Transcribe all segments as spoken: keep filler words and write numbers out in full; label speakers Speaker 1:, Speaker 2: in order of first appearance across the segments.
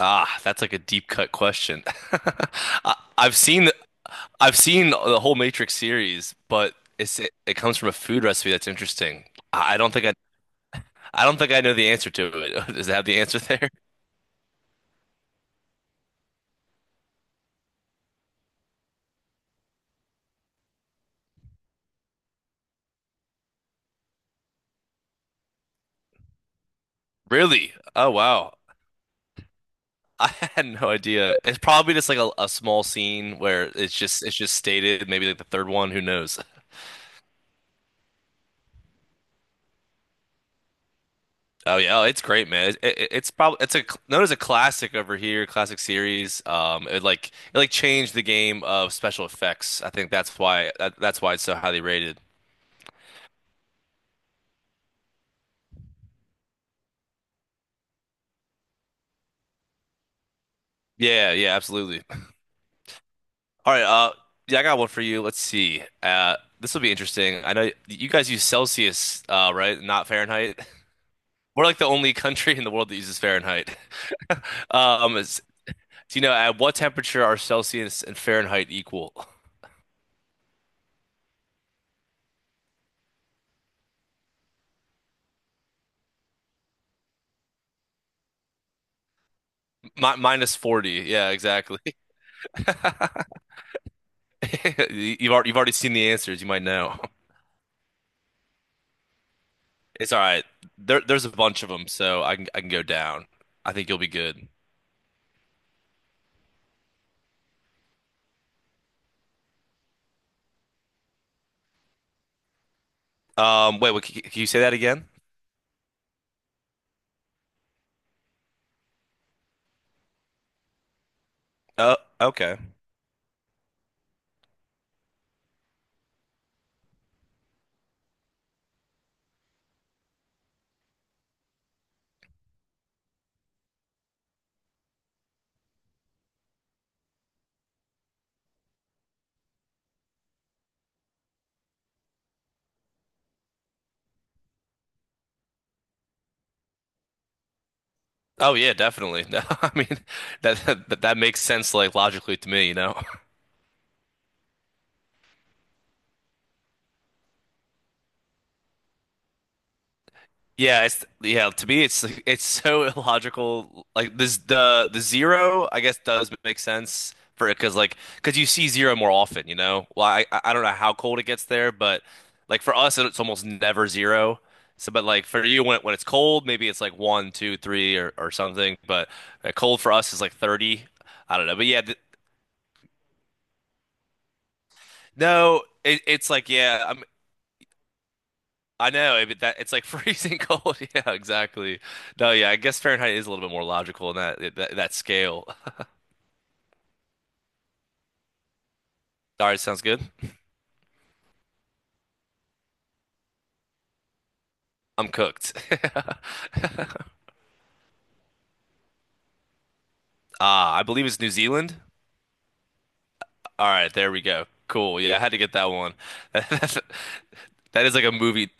Speaker 1: Ah, that's like a deep cut question. I, I've seen I've seen the whole Matrix series, but it's it, it comes from a food recipe. That's interesting. I, I don't think I I don't think I know the answer to it. Does it have the answer there? Really? Oh, wow. I had no idea. It's probably just like a, a small scene where it's just it's just stated, maybe like the third one, who knows? Oh yeah, oh, it's great, man. It, it, it's probably it's a cl- known as a classic over here, classic series. Um, it like it like changed the game of special effects. I think that's why that, that's why it's so highly rated. Yeah, yeah, absolutely. All right, uh, yeah, I got one for you. Let's see. Uh, this will be interesting. I know you guys use Celsius, uh, right? Not Fahrenheit. We're like the only country in the world that uses Fahrenheit. Um, it's- do you know at what temperature are Celsius and Fahrenheit equal? Mi Minus forty. Yeah, exactly. You've already, you've already seen the answers. You might know. It's all right. There, there's a bunch of them, so I can I can go down. I think you'll be good. Um, wait, what, can, can you say that again? Oh, okay. Oh yeah, definitely. No, I mean that, that that makes sense, like logically to me, you know. Yeah, it's yeah, to me it's like it's so illogical. Like this the the zero, I guess, does make sense for it, cause like cause you see zero more often, you know? Well, I I I don't know how cold it gets there, but like for us it's almost never zero. So but like for you when it, when it's cold, maybe it's like one, two, three or or something, but uh, cold for us is like thirty. I don't know. But yeah, th no, it, it's like yeah, I know, but that it's like freezing cold. Yeah, exactly. No, yeah, I guess Fahrenheit is a little bit more logical in that that, that scale. All right, sounds good. I'm cooked. Ah, I believe it's New Zealand. All right, there we go. Cool. Yeah, I had to get that one. That's, that is like a movie.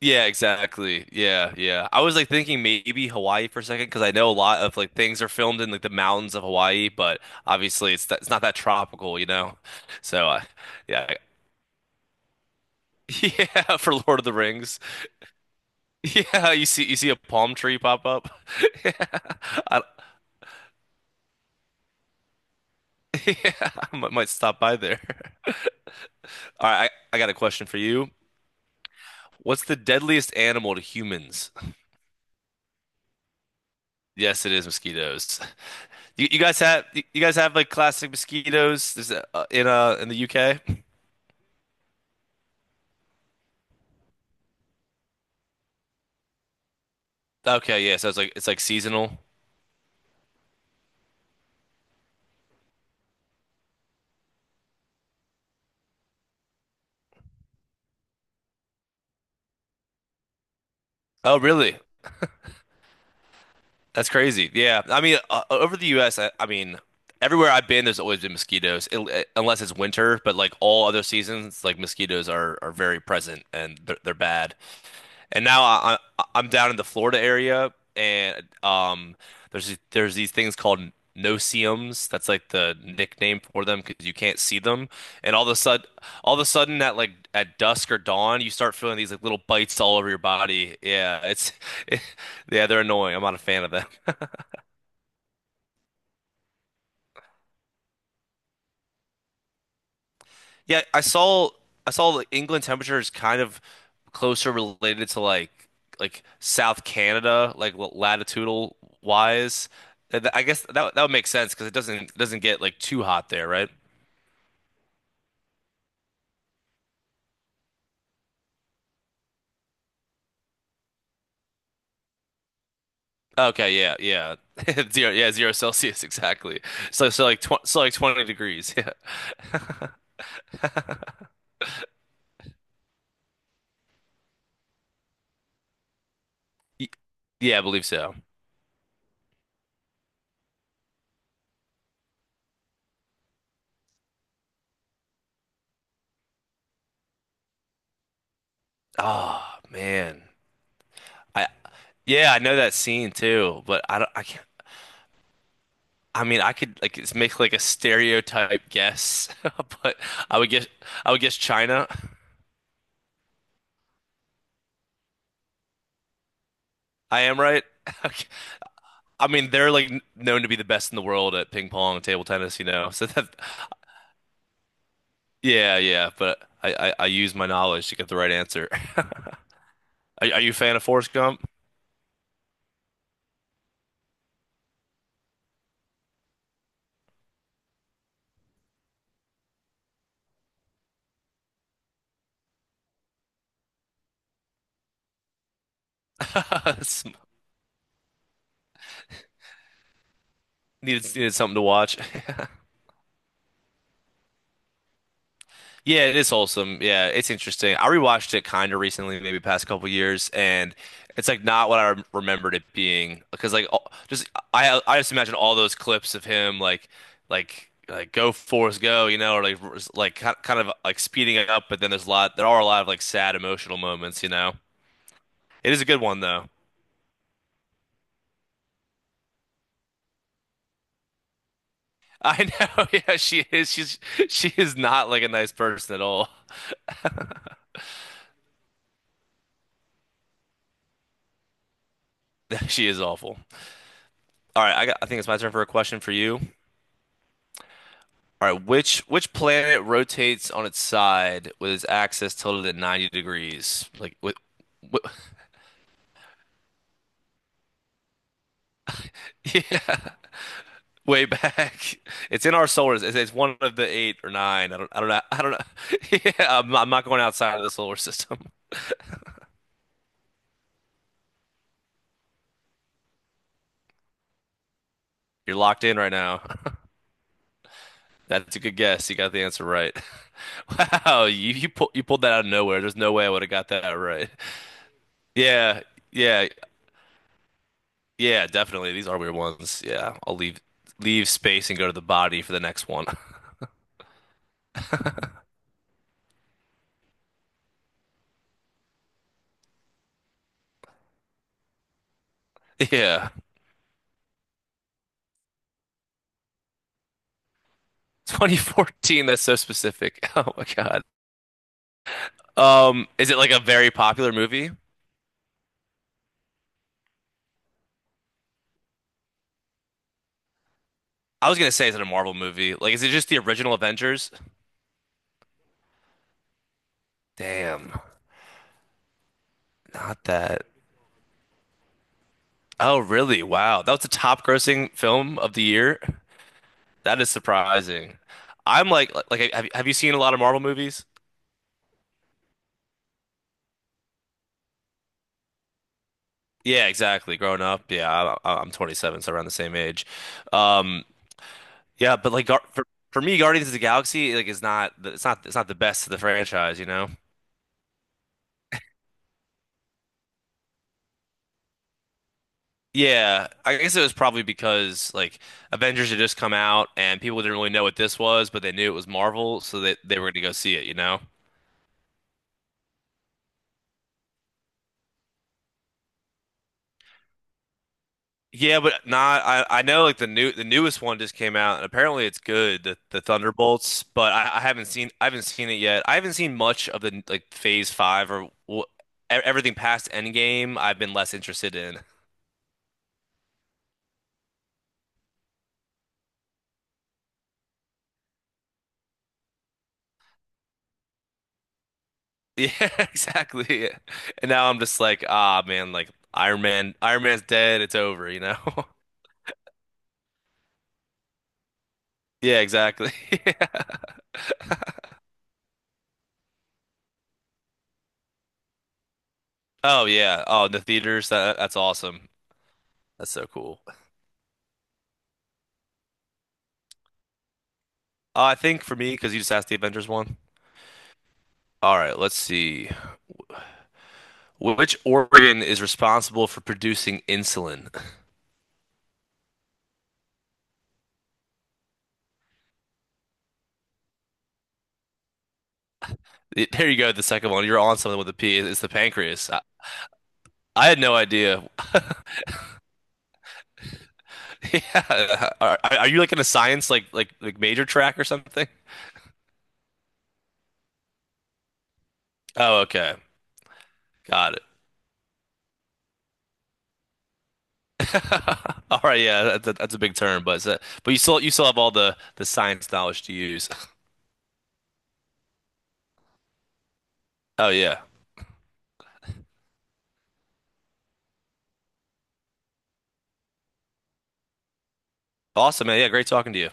Speaker 1: Yeah, exactly. Yeah, yeah. I was like thinking maybe Hawaii for a second, because I know a lot of like things are filmed in like the mountains of Hawaii, but obviously it's it's not that tropical, you know. So uh, yeah, yeah, for Lord of the Rings. Yeah, you see you see a palm tree pop up. Yeah. I, yeah, I might might stop by there. All right, I, I got a question for you. What's the deadliest animal to humans? Yes, it is mosquitoes. You, you guys have you guys have like classic mosquitoes. Is that, uh, in uh in the U K? Okay, yeah, so it's like it's like seasonal. Oh, really? That's crazy. Yeah. I mean, uh, uh, over the U S, I, I mean, everywhere I've been, there's always been mosquitoes, it, it- unless it's winter, but like all other seasons, like mosquitoes are are very present and they're, they're bad. And now I, I I'm down in the Florida area, and um there's there's these things called noceums. That's like the nickname for them because you can't see them. And all of a sudden all of a sudden at like at dusk or dawn, you start feeling these like little bites all over your body. Yeah, it's yeah, they're annoying. I'm not a fan of them. Yeah, I saw I saw like England temperature is kind of closer related to like like South Canada, like what latitudinal wise. Th- th- I guess that that would make sense because it doesn't it doesn't get like too hot there, right? Okay, yeah, yeah, zero, yeah, zero Celsius exactly. So so like tw so like twenty degrees, yeah, Y- yeah, I believe so. Oh man, I yeah, I know that scene too, but I don't, I can't. I mean, I could like it's make like a stereotype guess, but I would guess I would guess China. I am right. Okay. I mean, they're like n- known to be the best in the world at ping pong and table tennis, you know. So that, yeah, yeah. But I, I, I use my knowledge to get the right answer. Are, are you a fan of Forrest Gump? Needed needed something to watch. Yeah, it is wholesome. Yeah, it's interesting. I rewatched it kind of recently, maybe past couple years, and it's like not what I rem- remembered it being. Because like all, just I I just imagine all those clips of him like like like go Forrest go, you know, or like r- like ki- kind of like speeding it up. But then there's a lot there are a lot of like sad emotional moments, you know. It is a good one though. I know. Yeah, she is. She's she is not like a nice person at all. She is awful. All right, I got, I think it's my turn for a question for you. All right, which which planet rotates on its side with its axis tilted at ninety degrees? Like with, with yeah, way back. It's in our solar system. It's it's one of the eight or nine. I don't I don't know. I don't know. Yeah, I'm, I'm not going outside of the solar system. You're locked in right now. That's a good guess. You got the answer right. Wow, you you pulled you pulled that out of nowhere. There's no way I would have got that right. Yeah, yeah, yeah, definitely. These are weird ones. Yeah, I'll leave leave space and go to the body for the next one. Yeah. twenty fourteen, that's so specific. Oh my God. Um, is it like a very popular movie? I was gonna say, is it a Marvel movie? Like, is it just the original Avengers? Damn, not that. Oh, really? Wow. That was the top grossing film of the year? That is surprising. I'm like, like, have, have you seen a lot of Marvel movies? Yeah, exactly. Growing up, yeah, I, I'm twenty-seven, so around the same age. Um, yeah, but like, Gar for, for me, Guardians of the Galaxy, like, is not, it's not, it's not the best of the franchise, you know? Yeah, I guess it was probably because like Avengers had just come out and people didn't really know what this was, but they knew it was Marvel, so they they were gonna go see it, you know? Yeah, but not I I know like the new the newest one just came out and apparently it's good, the, the Thunderbolts, but I, I haven't seen I haven't seen it yet. I haven't seen much of the like Phase Five or wh- e- everything past Endgame. I've been less interested in. Yeah, exactly. And now I'm just like, ah, man, like Iron Man, Iron Man's dead. It's over, you know? Yeah, exactly. Yeah. Oh yeah. Oh, the theaters. That, that's awesome. That's so cool. Uh, I think for me, because you just asked the Avengers one. All right, let's see. Wh- Which organ is responsible for producing insulin? It- there you go. The second one. You're on something with a P. It's the pancreas. I, I had no idea. Yeah. Are, are you like in a science like like like major track or something? Oh, okay. Got it. All right. Yeah, that's a, that's a big term, but it's a, but you still you still have all the the science knowledge to use. Oh yeah. Awesome, man. Yeah, great talking to you.